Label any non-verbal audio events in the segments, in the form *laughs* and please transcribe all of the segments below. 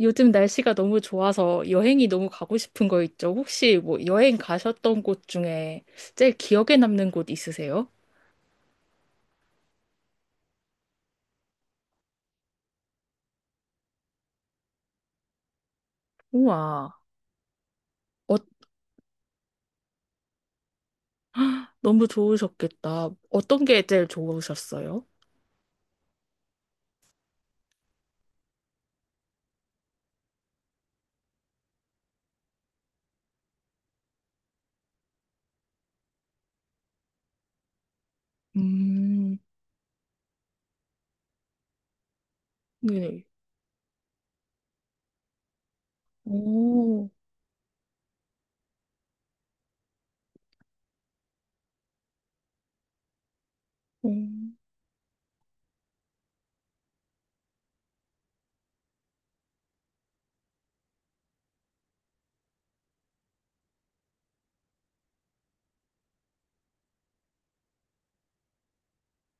요즘 날씨가 너무 좋아서 여행이 너무 가고 싶은 거 있죠? 혹시 뭐 여행 가셨던 곳 중에 제일 기억에 남는 곳 있으세요? 우와, 어, 너무 좋으셨겠다. 어떤 게 제일 좋으셨어요? 음. 네. 오. 오.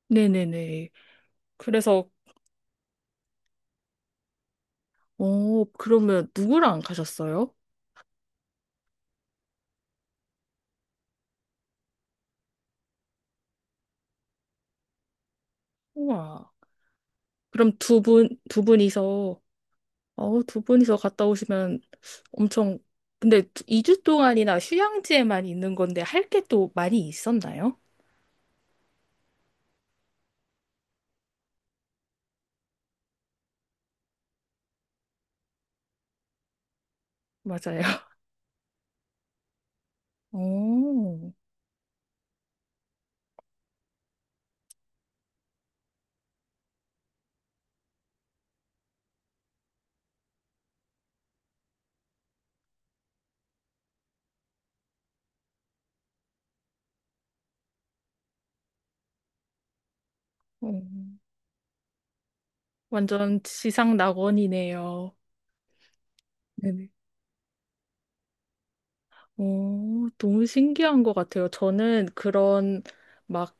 네네네. 그래서, 그러면 누구랑 가셨어요? 우와. 그럼 두 분, 두 분이서, 어, 두 분이서 갔다 오시면 엄청, 근데 2주 동안이나 휴양지에만 있는 건데 할 게 또 많이 있었나요? 맞아요. *laughs* 오, 오, 완전 지상 낙원이네요. 네네. 오, 너무 신기한 것 같아요. 막,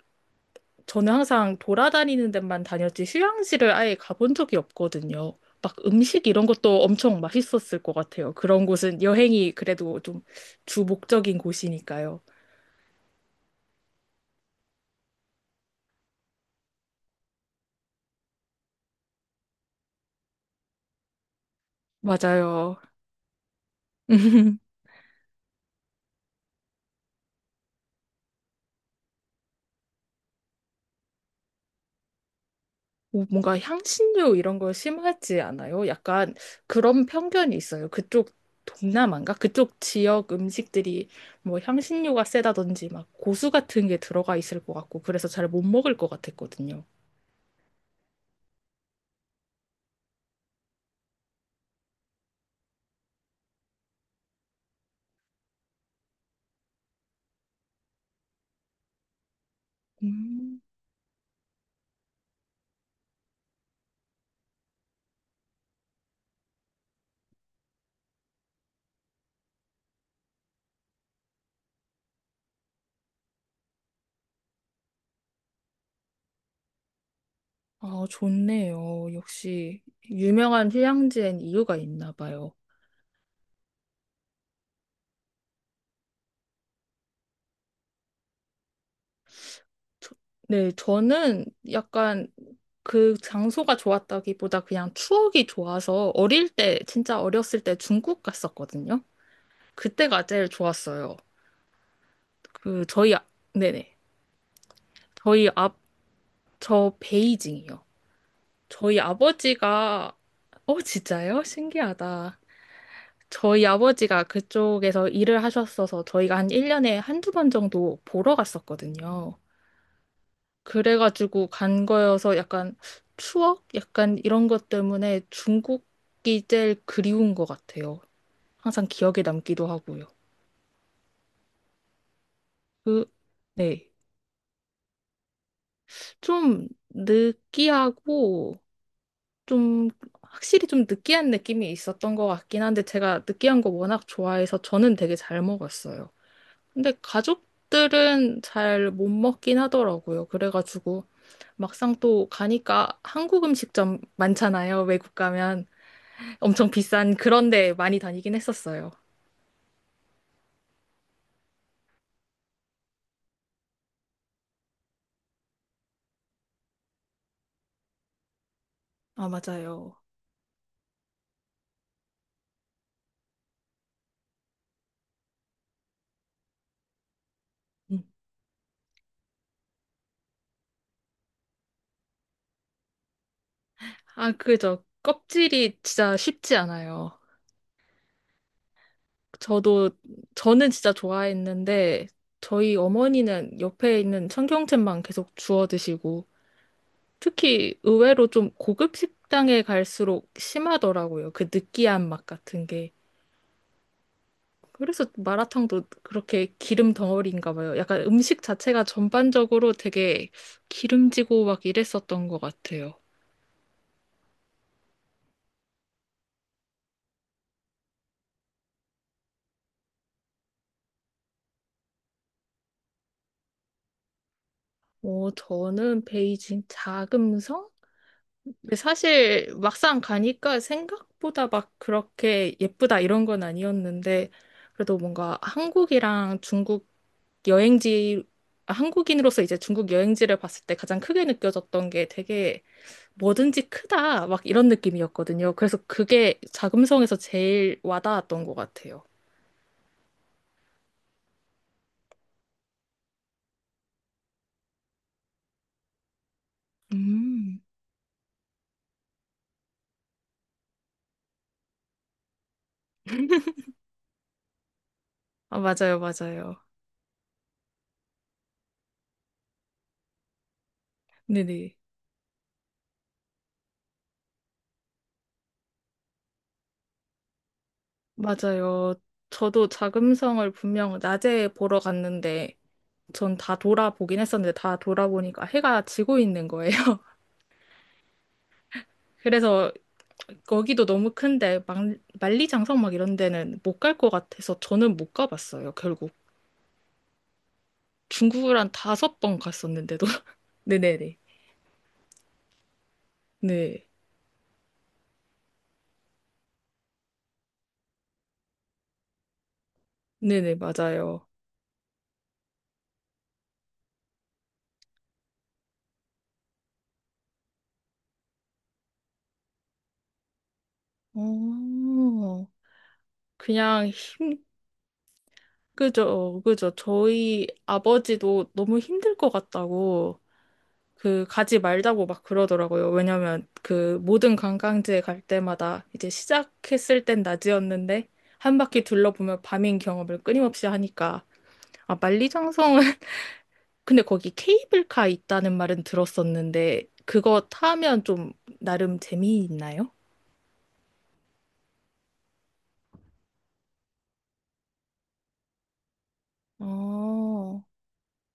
저는 항상 돌아다니는 데만 다녔지 휴양지를 아예 가본 적이 없거든요. 막 음식 이런 것도 엄청 맛있었을 것 같아요. 그런 곳은 여행이 그래도 좀 주 목적인 곳이니까요. 맞아요. *laughs* 오, 뭔가 향신료 이런 거 심하지 않아요? 약간 그런 편견이 있어요. 그쪽 동남아인가? 그쪽 지역 음식들이 뭐 향신료가 세다든지 막 고수 같은 게 들어가 있을 것 같고 그래서 잘 못 먹을 것 같았거든요. 음. 아, 좋네요. 역시 유명한 휴양지엔 이유가 있나 봐요. 저- 네, 저는 약간 그 장소가 좋았다기보다 그냥 추억이 좋아서 어릴 때, 진짜 어렸을 때 중국 갔었거든요. 그때가 제일 좋았어요. 그 저희 아- 네네. 저희 앞저 베이징이요. 저희 아버지가 어, 진짜요? 신기하다. 저희 아버지가 그쪽에서 일을 하셨어서 저희가 한 1년에 한 두 번 정도 보러 갔었거든요. 그래가지고 간 거여서 약간 추억? 약간 이런 것 때문에 중국이 제일 그리운 것 같아요. 항상 기억에 남기도 하고요. 그, 네. 좀 느끼하고 좀 확실히 좀 느끼한 느낌이 있었던 것 같긴 한데 제가 느끼한 거 워낙 좋아해서 저는 되게 잘 먹었어요. 근데 가족들은 잘 못 먹긴 하더라고요. 그래가지고 막상 또 가니까 한국 음식점 많잖아요. 외국 가면 엄청 비싼 그런 데 많이 다니긴 했었어요. 아, 맞아요. 음. 아, 그죠. 껍질이 진짜 쉽지 않아요. 저도, 저는 진짜 좋아했는데, 저희 어머니는 옆에 있는 청경채만 계속 주워 드시고, 특히 의외로 좀 고급 식당에 갈수록 심하더라고요. 그 느끼한 맛 같은 게. 그래서 마라탕도 그렇게 기름 덩어리인가 봐요. 약간 음식 자체가 전반적으로 되게 기름지고 막 이랬었던 것 같아요. 어, 저는 베이징 자금성? 근데 사실 막상 가니까 생각보다 막 그렇게 예쁘다 이런 건 아니었는데 그래도 뭔가 한국이랑 중국 여행지, 아, 한국인으로서 이제 중국 여행지를 봤을 때 가장 크게 느껴졌던 게 되게 뭐든지 크다 막 이런 느낌이었거든요. 그래서 그게 자금성에서 제일 와닿았던 것 같아요. 음. 아, 맞아요, 맞아요. 네네. 맞아요. 저도 자금성을 분명 낮에 보러 갔는데 전 다 돌아보긴 했었는데 다 돌아보니까 해가 지고 있는 거예요. *laughs* 그래서 거기도 너무 큰데 만리장성 막 이런 데는 못 갈 것 같아서 저는 못 가봤어요, 결국. 중국을 한 다섯 번 갔었는데도. *laughs* 네네네. 네. 네네, 맞아요. 어, 그냥 힘, 그죠, 그죠. 저희 아버지도 너무 힘들 것 같다고 그 가지 말자고 막 그러더라고요. 왜냐면 그 모든 관광지에 갈 때마다 이제 시작했을 땐 낮이었는데 한 바퀴 둘러보면 밤인 경험을 끊임없이 하니까. 아, 만리장성은. *laughs* 근데 거기 케이블카 있다는 말은 들었었는데 그거 타면 좀 나름 재미있나요? 아,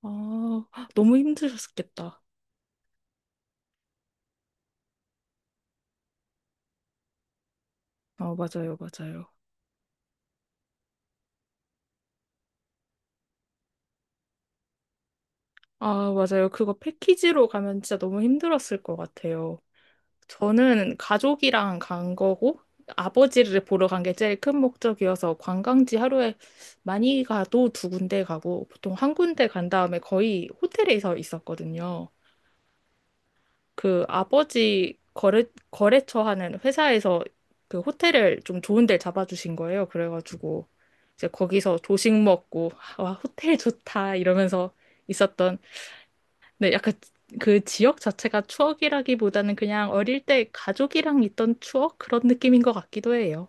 아, 너무 힘드셨겠다. 아, 맞아요, 맞아요. 아, 맞아요. 그거 패키지로 가면 진짜 너무 힘들었을 것 같아요. 저는 가족이랑 간 거고 아버지를 보러 간 게 제일 큰 목적이어서 관광지 하루에 많이 가도 두 군데 가고 보통 한 군데 간 다음에 거의 호텔에서 있었거든요. 그 아버지 거래처 하는 회사에서 그 호텔을 좀 좋은 데 잡아주신 거예요. 그래가지고 이제 거기서 조식 먹고 와, 호텔 좋다 이러면서 있었던. 네, 약간 그 지역 자체가 추억이라기보다는 그냥 어릴 때 가족이랑 있던 추억 그런 느낌인 것 같기도 해요.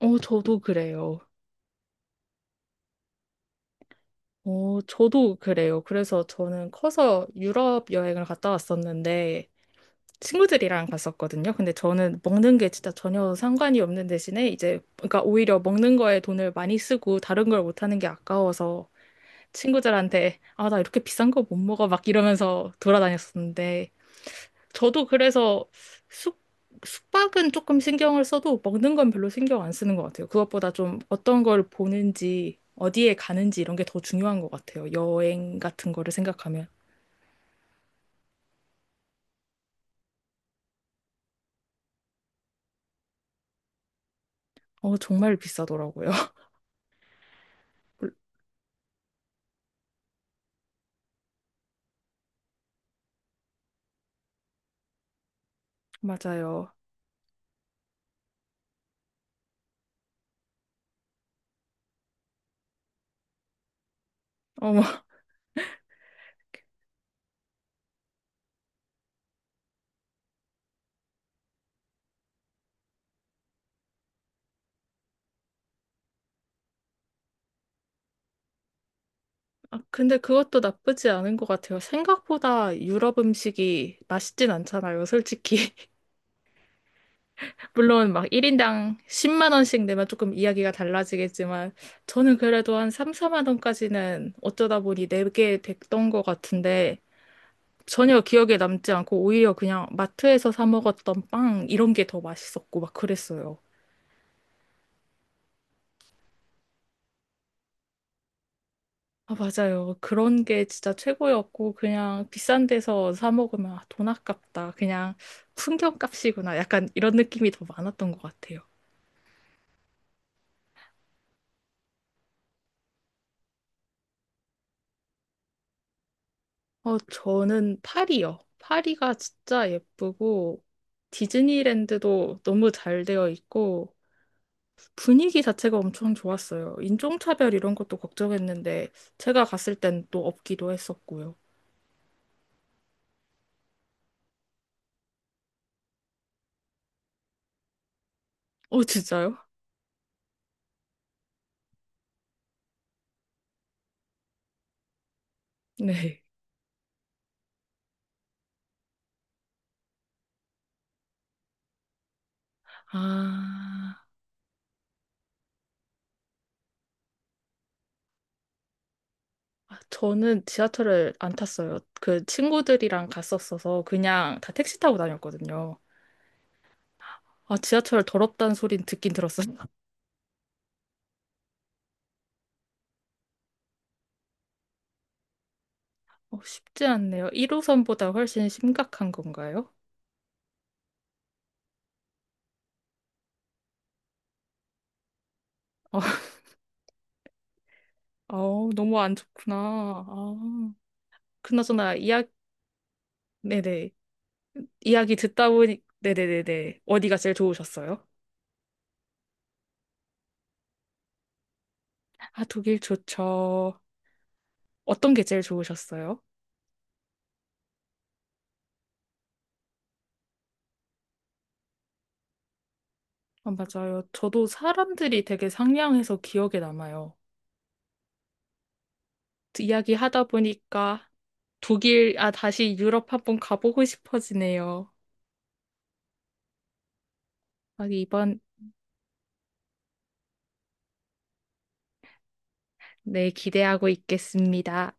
어, 저도 그래요. 어, 저도 그래요. 그래서 저는 커서 유럽 여행을 갔다 왔었는데 친구들이랑 갔었거든요. 근데 저는 먹는 게 진짜 전혀 상관이 없는 대신에 이제 그러니까 오히려 먹는 거에 돈을 많이 쓰고 다른 걸 못하는 게 아까워서 친구들한테 아, 나 이렇게 비싼 거 못 먹어 막 이러면서 돌아다녔었는데, 저도 그래서 숙, 숙박은 조금 신경을 써도 먹는 건 별로 신경 안 쓰는 것 같아요. 그것보다 좀 어떤 걸 보는지, 어디에 가는지 이런 게 더 중요한 것 같아요. 여행 같은 거를 생각하면. 어, 정말 비싸더라고요. *laughs* 맞아요. 어, 아, 근데 그것도 나쁘지 않은 것 같아요. 생각보다 유럽 음식이 맛있진 않잖아요, 솔직히. 물론 막 1인당 10만 원씩 내면 조금 이야기가 달라지겠지만 저는 그래도 한 3, 4만 원까지는 어쩌다 보니 내게 됐던 것 같은데 전혀 기억에 남지 않고 오히려 그냥 마트에서 사 먹었던 빵 이런 게 더 맛있었고 막 그랬어요. 아, 맞아요. 그런 게 진짜 최고였고 그냥 비싼 데서 사 먹으면 아, 돈 아깝다. 그냥 풍경값이구나. 약간 이런 느낌이 더 많았던 것 같아요. 어, 저는 파리요. 파리가 진짜 예쁘고, 디즈니랜드도 너무 잘 되어 있고, 분위기 자체가 엄청 좋았어요. 인종차별 이런 것도 걱정했는데, 제가 갔을 땐 또 없기도 했었고요. 어, 진짜요? *laughs* 네. 아, 아, 저는 지하철을 안 탔어요. 그 친구들이랑 갔었어서 그냥 다 택시 타고 다녔거든요. 아, 지하철 더럽다는 소린 듣긴 들었어요. *laughs* 어, 쉽지 않네요. 1호선보다 훨씬 심각한 건가요? 어, 어, 너무 안 좋구나. 아, 그나저나, 이야, 네네. 이야기 듣다 보니, 네네네네, 어디가 제일 좋으셨어요? 아, 독일 좋죠. 어떤 게 제일 좋으셨어요? 아, 맞아요. 저도 사람들이 되게 상냥해서 기억에 남아요. 이야기 하다 보니까 독일, 아, 다시 유럽 한번 가보고 싶어지네요. 아, 이번, 네, 기대하고 있겠습니다.